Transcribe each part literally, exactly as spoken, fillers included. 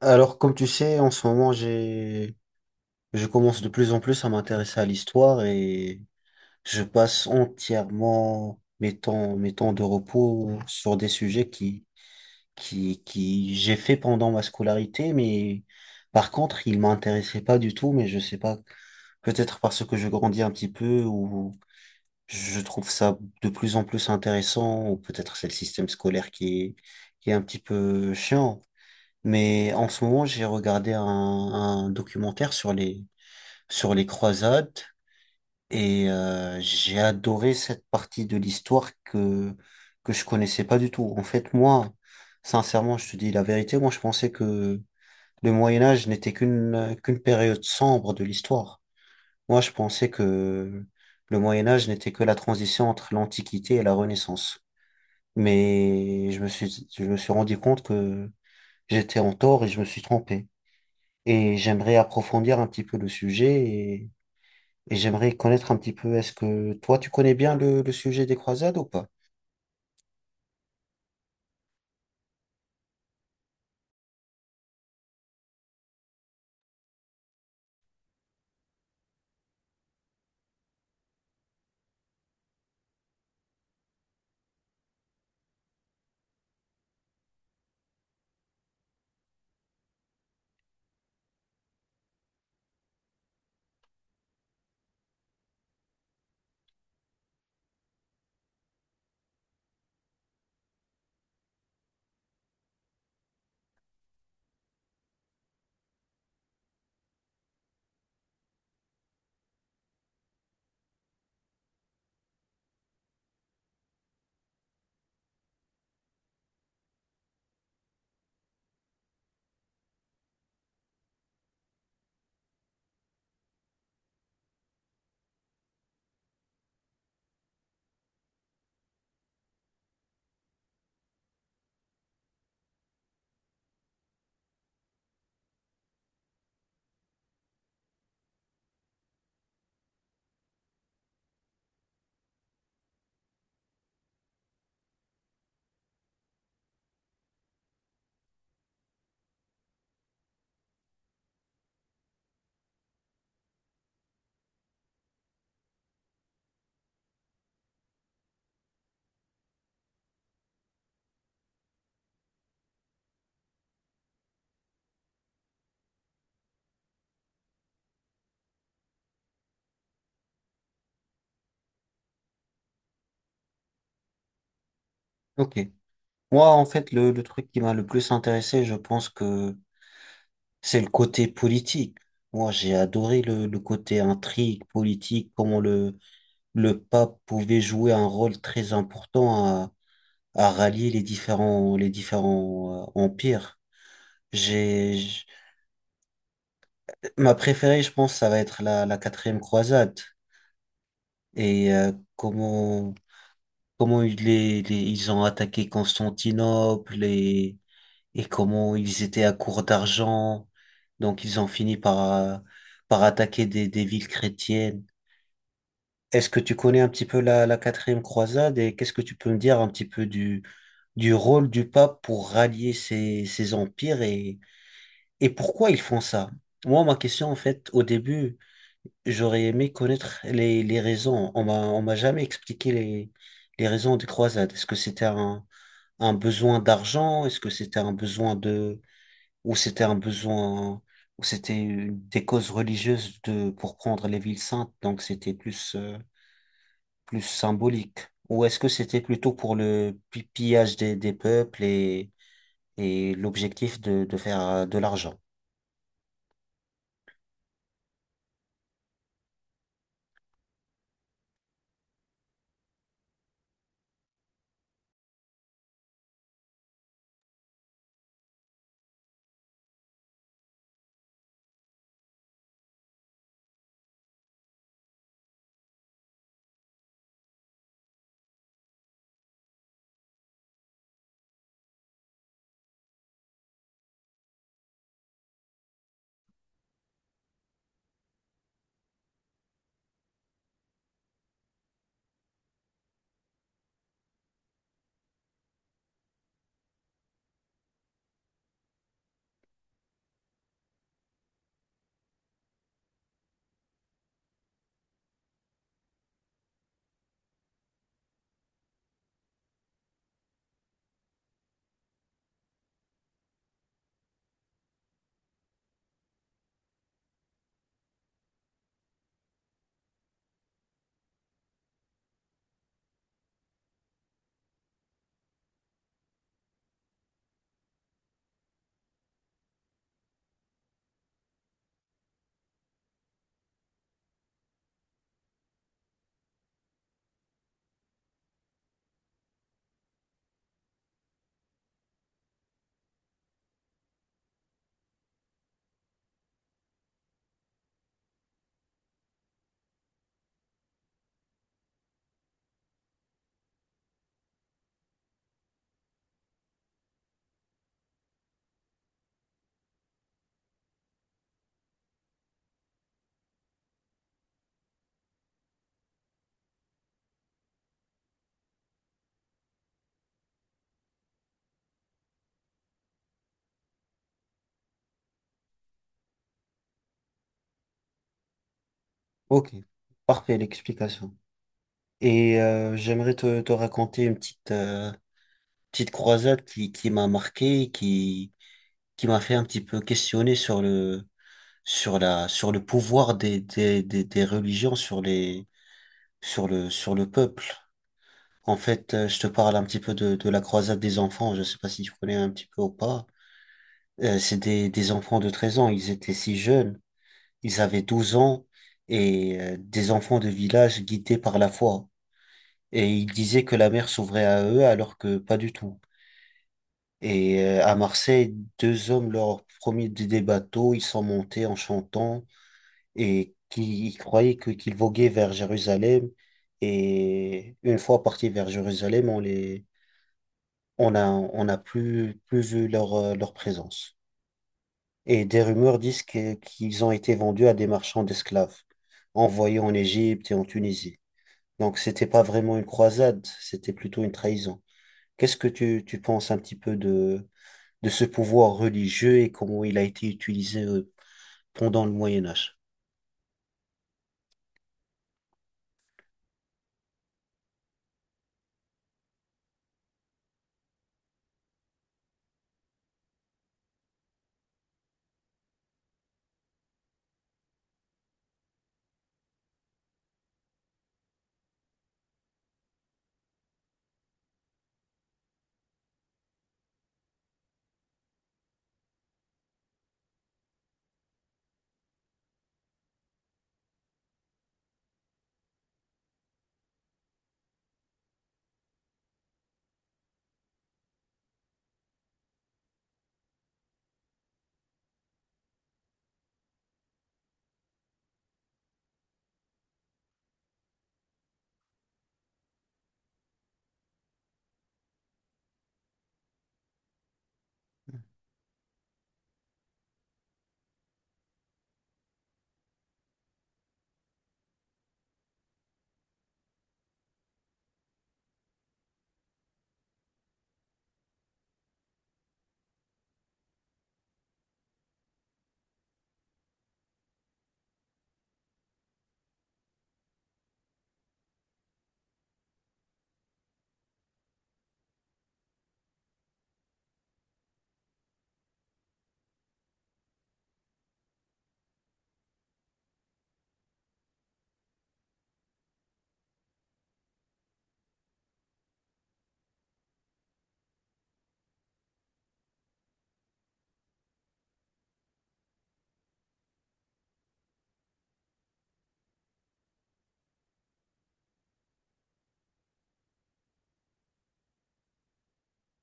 Alors, comme tu sais, en ce moment, j'ai, je commence de plus en plus à m'intéresser à l'histoire et je passe entièrement mes temps, mes temps de repos sur des sujets qui, qui, qui j'ai fait pendant ma scolarité, mais par contre, ils m'intéressaient pas du tout, mais je sais pas, peut-être parce que je grandis un petit peu ou je trouve ça de plus en plus intéressant, ou peut-être c'est le système scolaire qui est, qui est un petit peu chiant. Mais en ce moment, j'ai regardé un, un documentaire sur les, sur les croisades et euh, j'ai adoré cette partie de l'histoire que, que je connaissais pas du tout. En fait, moi, sincèrement, je te dis la vérité, moi, je pensais que le Moyen Âge n'était qu'une, euh, qu'une période sombre de l'histoire. Moi, je pensais que le Moyen Âge n'était que la transition entre l'Antiquité et la Renaissance. Mais je me suis, je me suis rendu compte que j'étais en tort et je me suis trompé. Et j'aimerais approfondir un petit peu le sujet et, et j'aimerais connaître un petit peu, est-ce que toi, tu connais bien le, le sujet des croisades ou pas? Ok. Moi, en fait, le, le truc qui m'a le plus intéressé, je pense que c'est le côté politique. Moi, j'ai adoré le, le côté intrigue politique, comment le, le pape pouvait jouer un rôle très important à, à rallier les différents, les différents euh, empires. J'ai, j'- Ma préférée, je pense, ça va être la, la quatrième croisade. Et euh, comment comment ils, les, les- ils ont attaqué Constantinople et, et comment ils étaient à court d'argent. Donc ils ont fini par, euh, par attaquer des, des villes chrétiennes. Est-ce que tu connais un petit peu la, la quatrième croisade et qu'est-ce que tu peux me dire un petit peu du, du rôle du pape pour rallier ces, ces empires et, et pourquoi ils font ça? Moi, ma question, en fait, au début, j'aurais aimé connaître les, les raisons. On m'a, on m'a jamais expliqué les, les raisons des croisades. Est-ce que c'était un, un besoin d'argent? Est-ce que c'était un besoin de, ou c'était un besoin, ou c'était une- des causes religieuses de, pour prendre les villes saintes, donc c'était plus, euh, plus symbolique. Ou est-ce que c'était plutôt pour le pi- pillage des, des peuples et, et l'objectif de, de faire euh, de l'argent. Ok, parfait l'explication. Et euh, j'aimerais te, te raconter une petite, euh, petite croisade qui, qui m'a marqué, qui, qui m'a fait un petit peu questionner sur le, sur la, sur le pouvoir des, des, des, des religions sur les, sur le, sur le peuple. En fait, euh, je te parle un petit peu de, de la croisade des enfants. Je sais pas si tu connais un petit peu ou pas. Euh, c'est des, des enfants de treize ans. Ils étaient si jeunes. Ils avaient douze ans et euh, des enfants de village guidés par la foi. Et ils disaient que la mer s'ouvrait à eux alors que pas du tout. Et euh, à Marseille, deux hommes leur ont promis des des bateaux. Ils sont montés en chantant et qui ils croyaient que- qu'ils voguaient vers Jérusalem. Et une fois partis vers Jérusalem, on les on a, on n'a plus, plus vu leur, euh, leur présence. Et des rumeurs disent que- qu'ils ont été vendus à des marchands d'esclaves, envoyés en Égypte et en Tunisie. Donc, c'était pas vraiment une croisade, c'était plutôt une trahison. Qu'est-ce que tu, tu penses un petit peu de, de ce pouvoir religieux et comment il a été utilisé euh, pendant le Moyen Âge?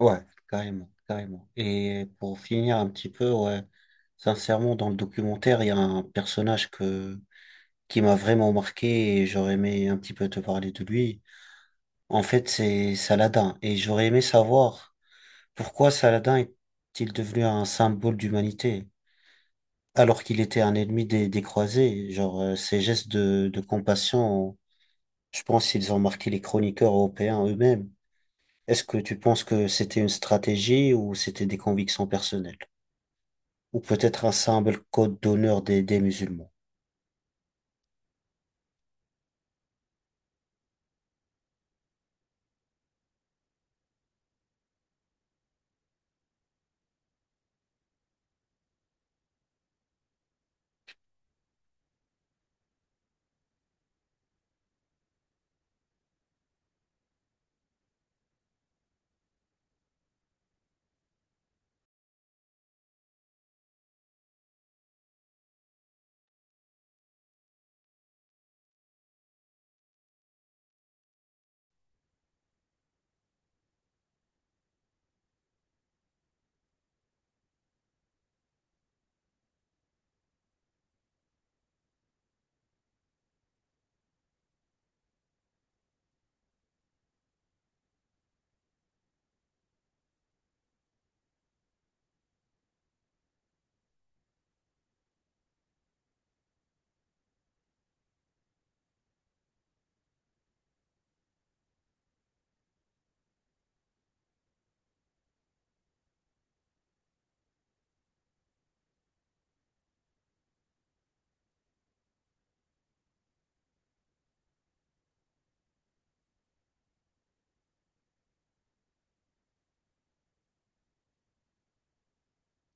Ouais, carrément, carrément. Et pour finir un petit peu, ouais, sincèrement, dans le documentaire, il y a un personnage que qui m'a vraiment marqué et j'aurais aimé un petit peu te parler de lui. En fait, c'est Saladin et j'aurais aimé savoir pourquoi Saladin est-il devenu un symbole d'humanité alors qu'il était un ennemi des, des croisés. Genre, euh, ses gestes de, de compassion, je pense qu'ils ont marqué les chroniqueurs européens eux-mêmes. Est-ce que tu penses que c'était une stratégie ou c'était des convictions personnelles? Ou peut-être un simple code d'honneur des des musulmans?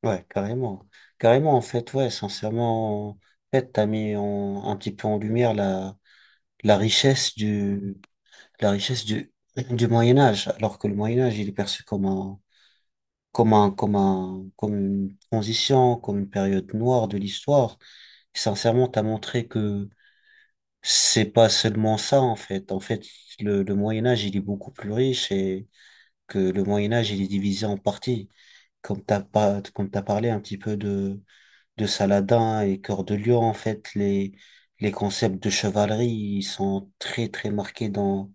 Ouais, carrément. Carrément, en fait, ouais, sincèrement, en fait, t'as mis en- un petit peu en lumière la, la richesse du, la richesse du, du Moyen Âge, alors que le Moyen Âge, il est perçu comme un, comme un, comme un, comme une transition, comme une période noire de l'histoire. Et sincèrement, t'as montré que c'est pas seulement ça, en fait. En fait, le, le Moyen Âge, il est beaucoup plus riche et que le Moyen Âge, il est divisé en parties. Comme t'as pas, comme t'as parlé un petit peu de, de Saladin et Cœur de Lion, en fait, les, les concepts de chevalerie, ils sont très, très marqués dans,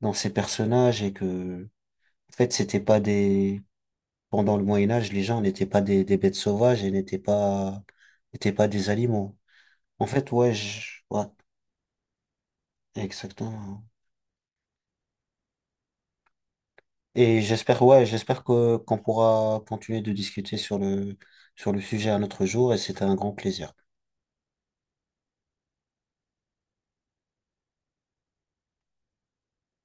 dans ces personnages et que, en fait, c'était pas des, pendant le Moyen-Âge, les gens n'étaient pas des, des bêtes sauvages et n'étaient pas, n'étaient pas des animaux. En fait, ouais, je- ouais, exactement. Et j'espère, ouais, j'espère que, qu'on pourra continuer de discuter sur le, sur le sujet un autre jour et c'était un grand plaisir.